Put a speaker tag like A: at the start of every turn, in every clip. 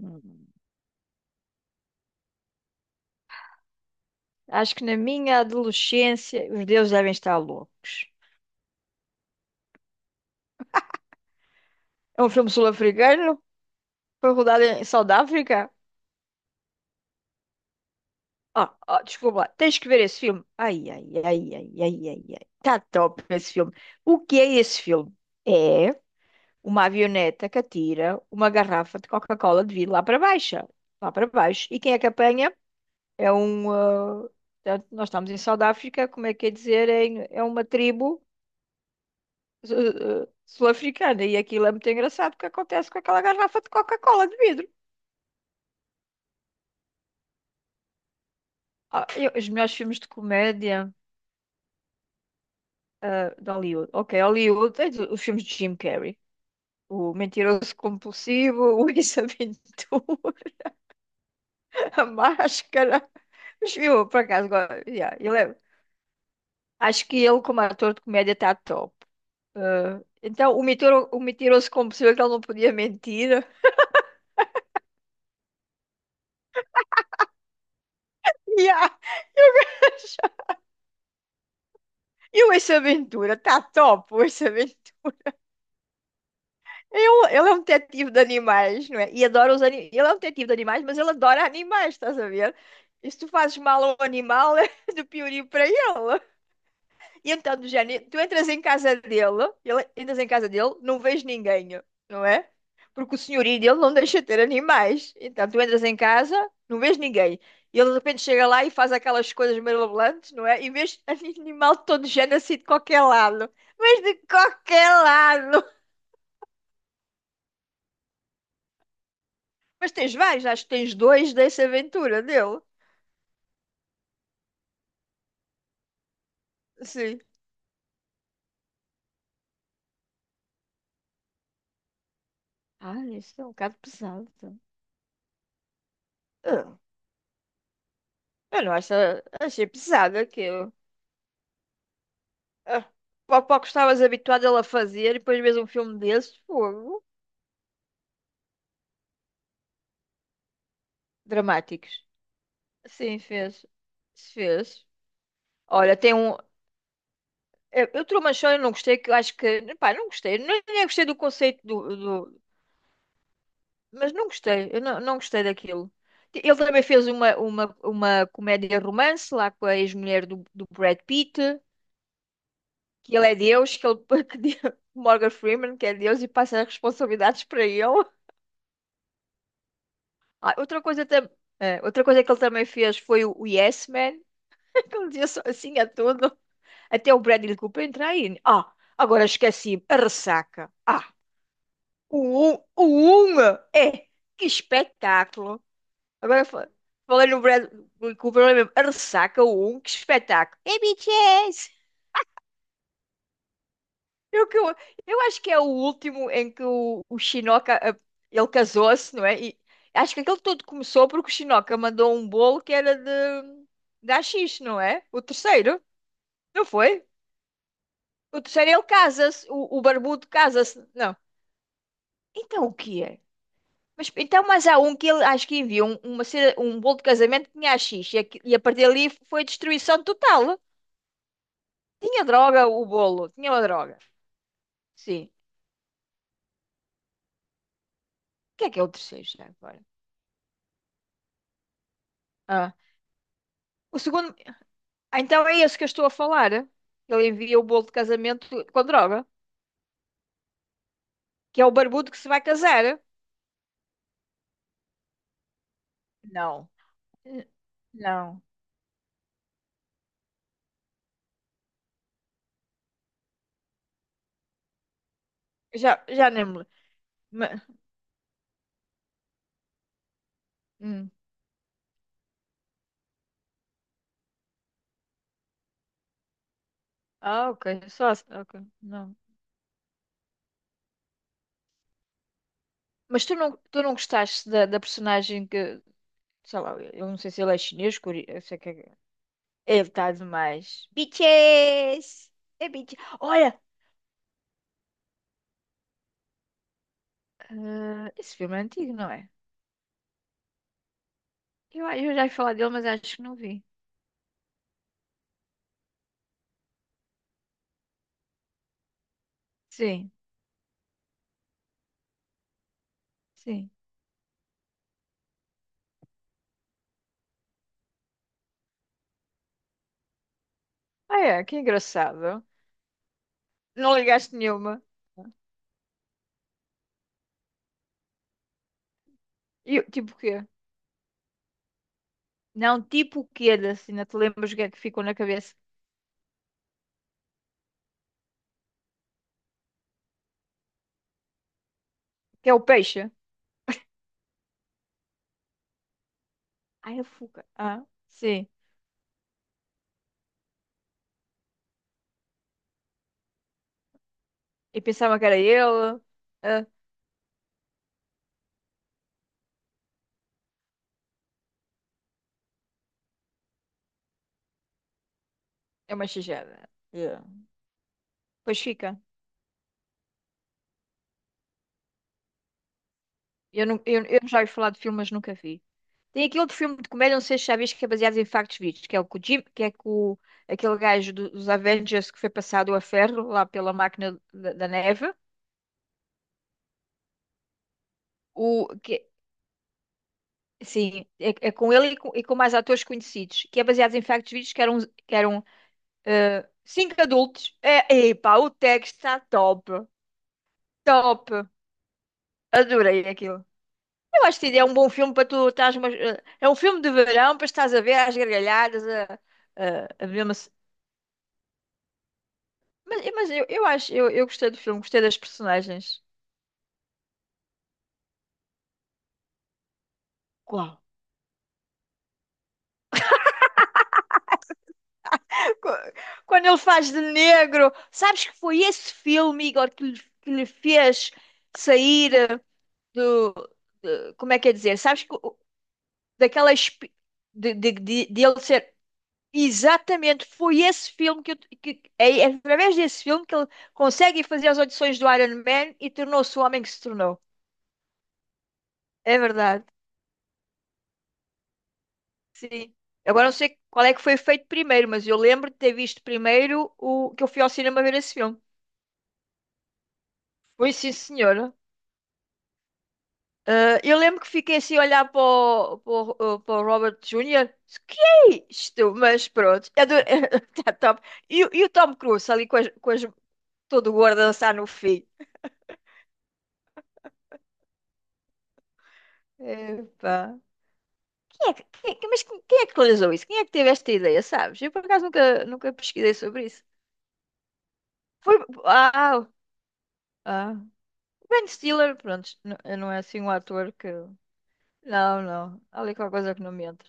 A: Hum. Acho que na minha adolescência os deuses devem estar loucos. É um filme sul-africano, foi rodado em South Africa. Desculpa lá, tens que ver esse filme. Ai, ai, ai, ai, ai, ai, ai. Tá top esse filme. O que é esse filme? É uma avioneta que atira uma garrafa de Coca-Cola de vidro lá para baixo. Lá para baixo. E quem é que apanha? É um. ah, portanto, nós estamos em South África, como é que é dizer? É uma tribo sul-africana. E aquilo é muito engraçado o que acontece com aquela garrafa de Coca-Cola de vidro. Os melhores filmes de comédia, de Hollywood. Ok, Hollywood, tens os filmes de Jim Carrey. O Mentiroso Compulsivo, o Ace Ventura, a Máscara. Mas eu, por acaso. Yeah, acho que ele, como ator de comédia, está top. Ah, então, o Mentiroso Compulsivo, é que ele não podia mentir. Yeah. E o Ace Ventura, está top, o Ace Ventura. Ele é um detetive de animais, não é? E adora os animais. Ele é um detetive de animais, mas ele adora animais, estás a ver? E se tu fazes mal a um animal, é do piorio para ele. E então, do género, tu entras em casa dele, entras em casa dele, não vês ninguém, não é? Porque o senhorio dele não deixa ter animais. Então, tu entras em casa, não vês ninguém. E ele de repente chega lá e faz aquelas coisas mirabolantes, não é? E vês animal de todo género assim de qualquer lado. Mas de qualquer lado! Mas tens vários, acho que tens dois dessa aventura dele. Sim. Ah, isso é um bocado pesado. Ah, eu não acho, achei pesado aquilo. Ah, pouco estavas habituado a ele a fazer e depois vês um filme desses, fogo. Dramáticos. Sim, fez. Fez. Olha, tem um. Eu Truman Show eu não gostei, que eu acho que. Pá, não gostei. Não, nem gostei do conceito do. Mas não gostei, eu não, não gostei daquilo. Ele também fez uma comédia romance lá com a ex-mulher do Brad Pitt, que ele é Deus, que ele que de-. Morgan Freeman, que é Deus, e passa as responsabilidades para ele. Ah, outra coisa também. Outra coisa que ele também fez foi o Yes Man, que ele dizia só assim a tudo, até o Bradley Cooper entrar aí. Ah, agora esqueci, a ressaca. Ah, o um, é, que espetáculo. Agora falando no Brad Cooper, eu lembro, a Ressaca 1, que espetáculo. É BTS! Eu, que, eu, eu acho que é o último em que o Shinoka, ele casou-se, não é? E acho que aquele todo começou porque o Shinoka mandou um bolo que era de AX, não é? O terceiro, não foi? O terceiro ele casa-se, o barbudo casa-se. Não. Então o que é? Mas, então, mas há um que ele acho que enviou um bolo de casamento que tinha AX e, e a partir dali foi destruição total. Tinha droga o bolo, tinha uma droga. Sim. O que é o terceiro já agora? Ah, o segundo. Ah, então é esse que eu estou a falar. Ele envia o bolo de casamento com droga, que é o barbudo que se vai casar. Não. N- Não. Já nem me. Ma-. Hum. Ah, ok. Só assim, ok. Não. Mas tu não, gostaste da personagem que. Sei lá, eu não sei se ele é chinês, eu sei que é. Ele está demais. Bitches! É bitch. Olha, ah, esse filme é antigo, não é? Eu já ia falar dele, mas acho que não vi. Sim, sim. Ah, é, que engraçado. Não ligaste nenhuma. Tipo o quê? Não, tipo o quê da cena? Te lembras o que é que ficou na cabeça? Que é o peixe? Ah, é a fuca. Ah, sim. E pensava que era ele. Ah, é uma xijada. Yeah. Pois fica. Não, eu já ia falar de filmes, nunca vi. Tem aquele outro filme de comédia, não sei se já viste, que é baseado em factos verídicos, que é o com o Jim, que é com o- aquele gajo dos Avengers que foi passado a ferro lá pela máquina da neve. O, que, sim, é, é com ele e com mais atores conhecidos, que é baseado em factos verídicos, que eram cinco adultos. É, epá, o texto está top, top. Adorei aquilo. Eu acho que é um bom filme para tu estás... Mas, é um filme de verão para estás a ver às gargalhadas, a, ver uma, mas, mas eu gostei do filme, gostei das personagens. Qual? Qu- Quando ele faz de negro, sabes que foi esse filme, Igor, que lhe fez sair do, como é que é dizer? Sabes que daquela espi- de ele ser, exatamente foi esse filme que é através desse filme que ele consegue fazer as audições do Iron Man e tornou-se o homem que se tornou. É verdade. Sim. Agora não sei qual é que foi feito primeiro, mas eu lembro de ter visto primeiro o que eu fui ao cinema ver esse filme. Foi, sim, senhora. Ah, eu lembro que fiquei assim a olhar para o Robert Jr. Que é isto? Mas pronto, é do... tá top. E o Tom Cruise ali todo gordo a dançar no fim. Epá. Mas quem é que realizou isso? Quem é que teve esta ideia, sabes? Eu por acaso nunca pesquisei sobre isso. Foi. Ah, ah. Ben Stiller, pronto, não é assim um ator que. Não, não. Há ali qualquer coisa que não me entra.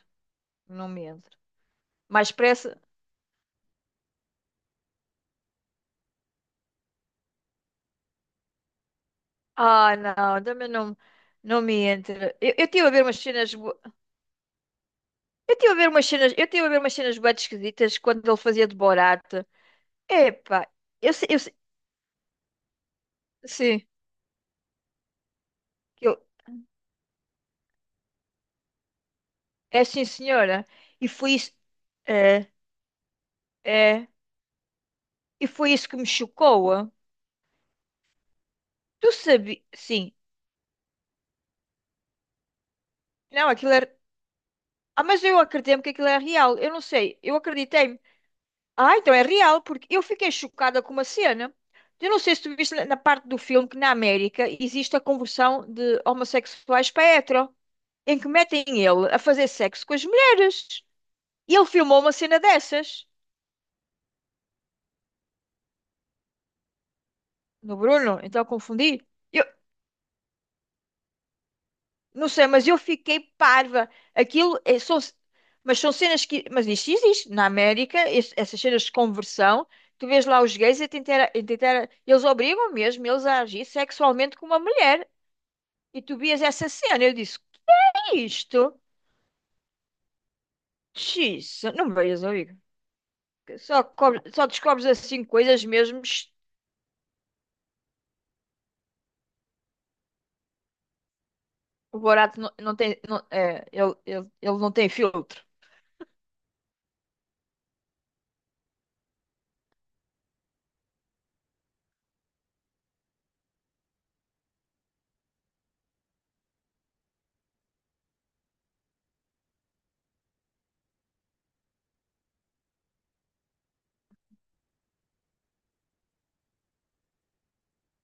A: Não me entra. Mais pressa. Ah, não, também não, não me entra. Eu tive a ver umas cenas. Bo-. Eu tive a ver umas cenas. Eu tive a ver umas cenas bué esquisitas quando ele fazia de Borat. Epá, eu sei, eu sei. Sim, que eu, é sim, senhora. E foi isso. É, é. E foi isso que me chocou. Ah. Tu sabias. Sim. Não, aquilo era. Ah, mas eu acreditei-me que aquilo é real. Eu não sei. Eu acreditei. Ah, então é real, porque eu fiquei chocada com uma cena. Eu não sei se tu viste na parte do filme que na América existe a conversão de homossexuais para hetero, em que metem ele a fazer sexo com as mulheres. E ele filmou uma cena dessas no Bruno, então eu confundi. Eu não sei, mas eu fiquei parva. Aquilo é, são, mas são cenas que, mas isto existe na América, essas cenas de conversão. Tu vês lá os gays a tentar, eles obrigam mesmo eles a agir sexualmente com uma mulher. E tu vias essa cena, eu disse, que é isto? Xiça, não veias amigo. Só descobres assim coisas mesmo. Sh-. O Borato não tem. Não-. É, ele não tem filtro.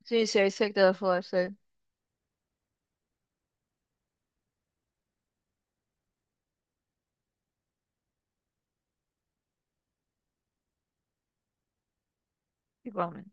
A: Sim, sei, sei o que estás a falar, sei. Igualmente.